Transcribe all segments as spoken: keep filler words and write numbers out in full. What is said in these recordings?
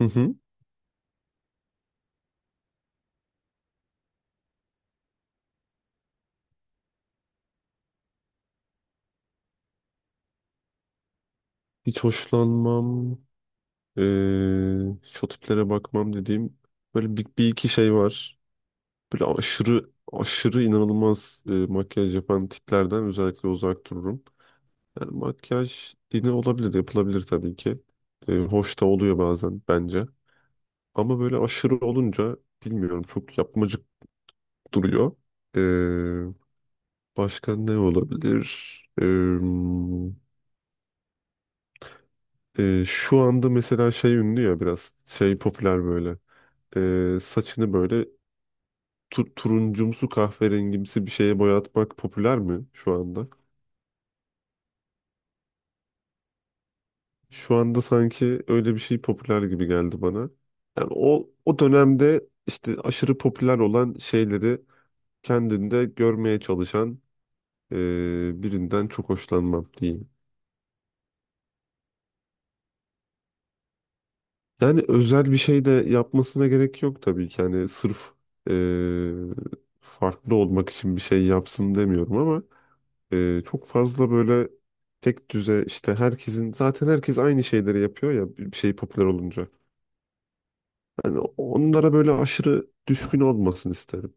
Hı hı. Hiç hoşlanmam, eee hiç o tiplere bakmam dediğim böyle bir, bir iki şey var. Böyle aşırı aşırı inanılmaz e, makyaj yapan tiplerden özellikle uzak dururum. Yani makyaj yine olabilir, yapılabilir tabii ki. E, hoş da oluyor bazen bence. Ama böyle aşırı olunca bilmiyorum çok yapmacık duruyor. Ee, Başka ne olabilir? Ee, e, şu anda mesela şey ünlü ya biraz şey popüler böyle. Ee, saçını böyle tu- turuncumsu kahverengimsi bir şeye boyatmak popüler mi şu anda? Şu anda sanki öyle bir şey popüler gibi geldi bana. Yani o, o dönemde işte aşırı popüler olan şeyleri kendinde görmeye çalışan e, birinden çok hoşlanmam diyeyim. Yani özel bir şey de yapmasına gerek yok tabii ki. Yani sırf e, farklı olmak için bir şey yapsın demiyorum ama e, çok fazla böyle tek düze işte herkesin zaten herkes aynı şeyleri yapıyor ya bir şey popüler olunca. Yani onlara böyle aşırı düşkün olmasın isterim.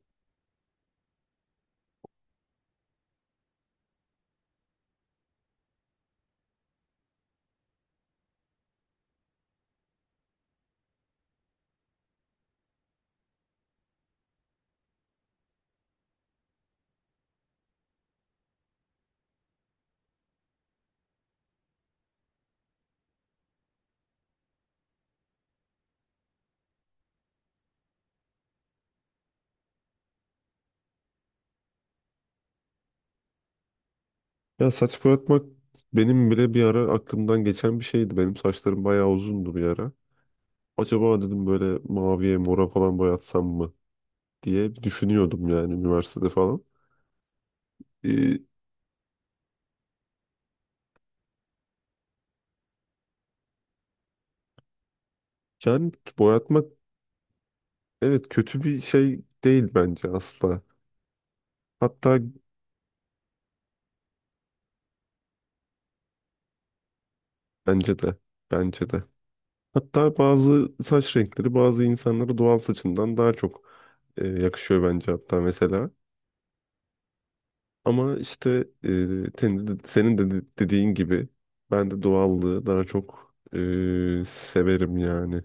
Ya saç boyatmak benim bile bir ara aklımdan geçen bir şeydi. Benim saçlarım bayağı uzundu bir ara. Acaba dedim böyle maviye mora falan boyatsam mı diye düşünüyordum yani üniversitede falan. Ee, Yani boyatmak evet kötü bir şey değil bence asla. Hatta bence de bence de. Hatta bazı saç renkleri bazı insanlara doğal saçından daha çok e, yakışıyor bence hatta mesela. Ama işte e, senin de, senin de de- dediğin gibi ben de doğallığı daha çok e, severim yani.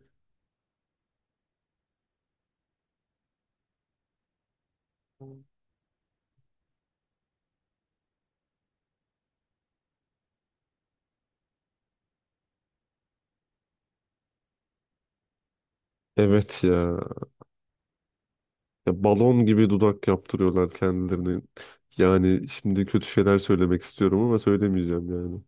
Evet ya. Ya balon gibi dudak yaptırıyorlar kendilerini. Yani şimdi kötü şeyler söylemek istiyorum ama söylemeyeceğim yani.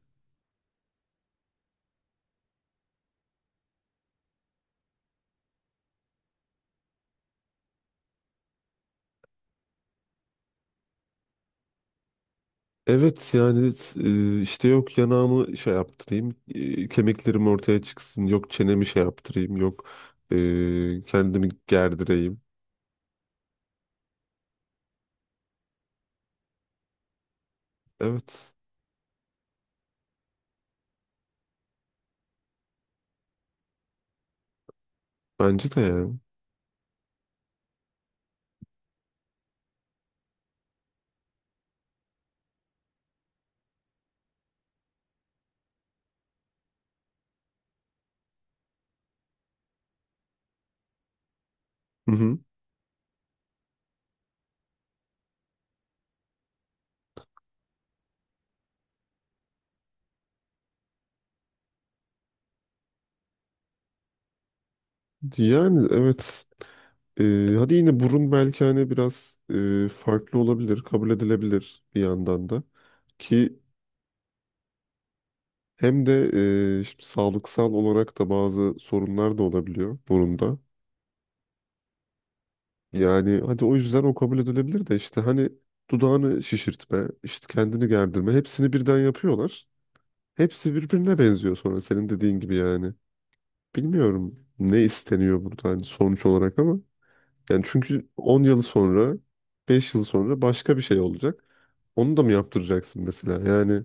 Evet yani e, işte yok yanağımı şey yaptırayım, e, kemiklerim ortaya çıksın, yok çenemi şey yaptırayım, yok e, kendimi gerdireyim. Evet bence de yani. Hı hı. Yani evet. E, Hadi yine burun belki hani biraz e, farklı olabilir, kabul edilebilir bir yandan da. Ki hem de e, şimdi sağlıksal olarak da bazı sorunlar da olabiliyor burunda. Yani hadi o yüzden o kabul edilebilir de işte hani dudağını şişirtme, işte kendini gerdirme hepsini birden yapıyorlar. Hepsi birbirine benziyor sonra senin dediğin gibi yani. Bilmiyorum ne isteniyor burada hani sonuç olarak ama. Yani çünkü on yıl sonra, beş yıl sonra başka bir şey olacak. Onu da mı yaptıracaksın mesela? Yani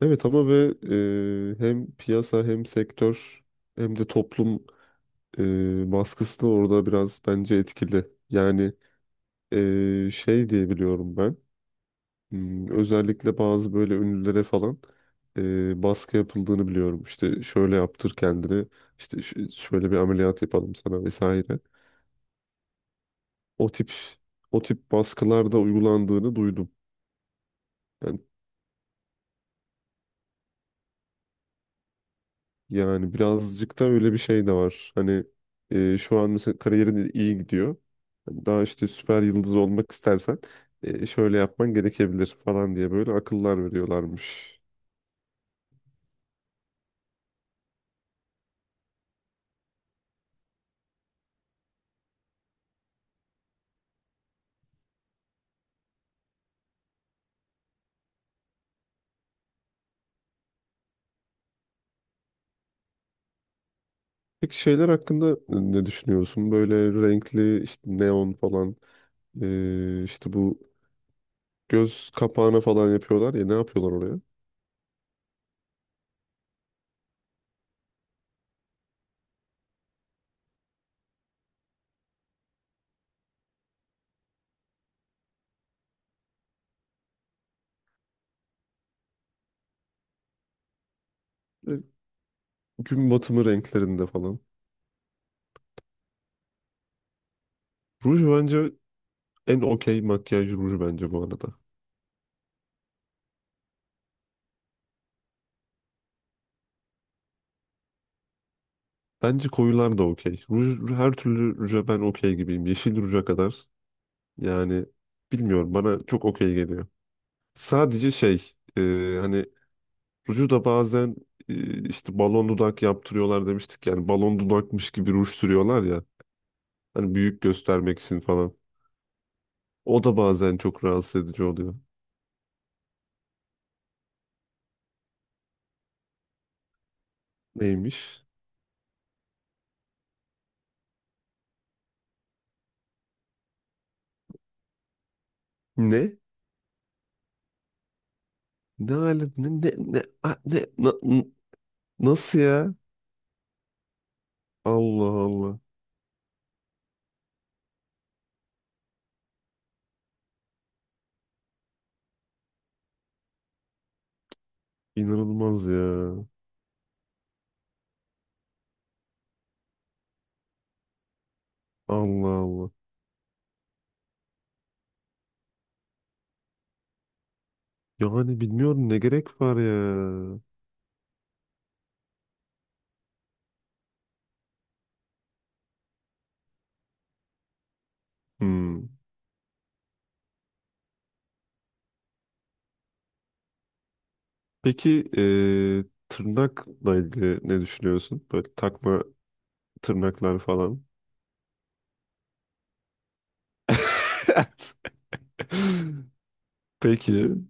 evet ama ve e, hem piyasa hem sektör hem de toplum e, baskısı da orada biraz bence etkili. Yani e, şey diye biliyorum ben. Hmm, özellikle bazı böyle ünlülere falan e, baskı yapıldığını biliyorum. İşte şöyle yaptır kendini, işte ş- şöyle bir ameliyat yapalım sana vesaire. O tip O tip baskılar da uygulandığını duydum. Yani Yani birazcık da öyle bir şey de var. Hani e, şu an mesela kariyerin iyi gidiyor. Hani daha işte süper yıldız olmak istersen e, şöyle yapman gerekebilir falan diye böyle akıllar veriyorlarmış. Peki şeyler hakkında ne düşünüyorsun? Böyle renkli işte neon falan e, işte bu göz kapağına falan yapıyorlar ya ne yapıyorlar oraya? Böyle gün batımı renklerinde falan. Ruj bence en okey makyaj ruju bence bu arada. Bence koyular da okey. Ruj, her türlü ruja ben okey gibiyim. Yeşil ruja kadar. Yani bilmiyorum bana çok okey geliyor. Sadece şey e, hani ruju da bazen e, işte balon dudak yaptırıyorlar demiştik. Yani balon dudakmış gibi ruj sürüyorlar ya. Hani büyük göstermek için falan. O da bazen çok rahatsız edici oluyor. Neymiş? Ne? Ne hale- ne ne ne, a- ne- na- n- nasıl ya? Allah Allah. İnanılmaz ya. Allah Allah. Yani bilmiyorum ne gerek var ya. Hmm. Peki eee, tırnakla ilgili ne düşünüyorsun? Böyle takma tırnaklar falan. Peki.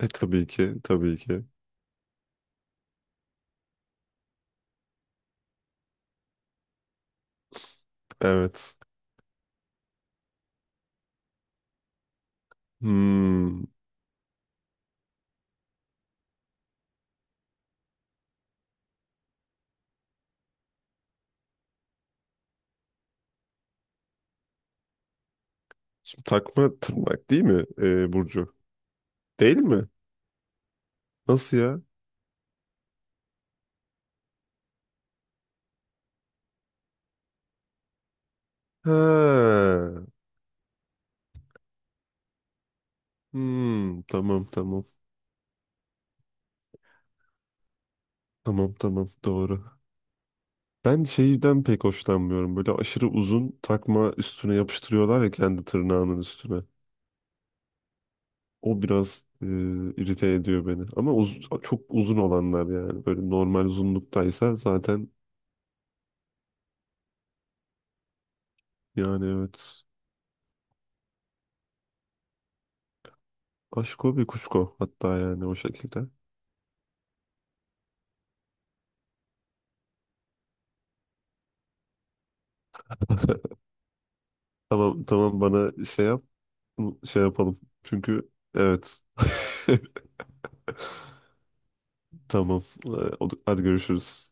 E, tabii ki, tabii ki. Evet. Hmm. Şimdi takma tırnak değil mi eee, Burcu? Değil mi? Nasıl ya? Ha. Hmm, tamam tamam. Tamam tamam doğru. Ben şeyden pek hoşlanmıyorum. Böyle aşırı uzun takma üstüne yapıştırıyorlar ya kendi tırnağının üstüne. O biraz e, irite ediyor beni. Ama uz- çok uzun olanlar yani. Böyle normal uzunluktaysa zaten yani evet. Aşko bir kuşko hatta yani o şekilde. Tamam tamam bana şey yap şey yapalım. Çünkü evet tamam. Ee, hadi görüşürüz.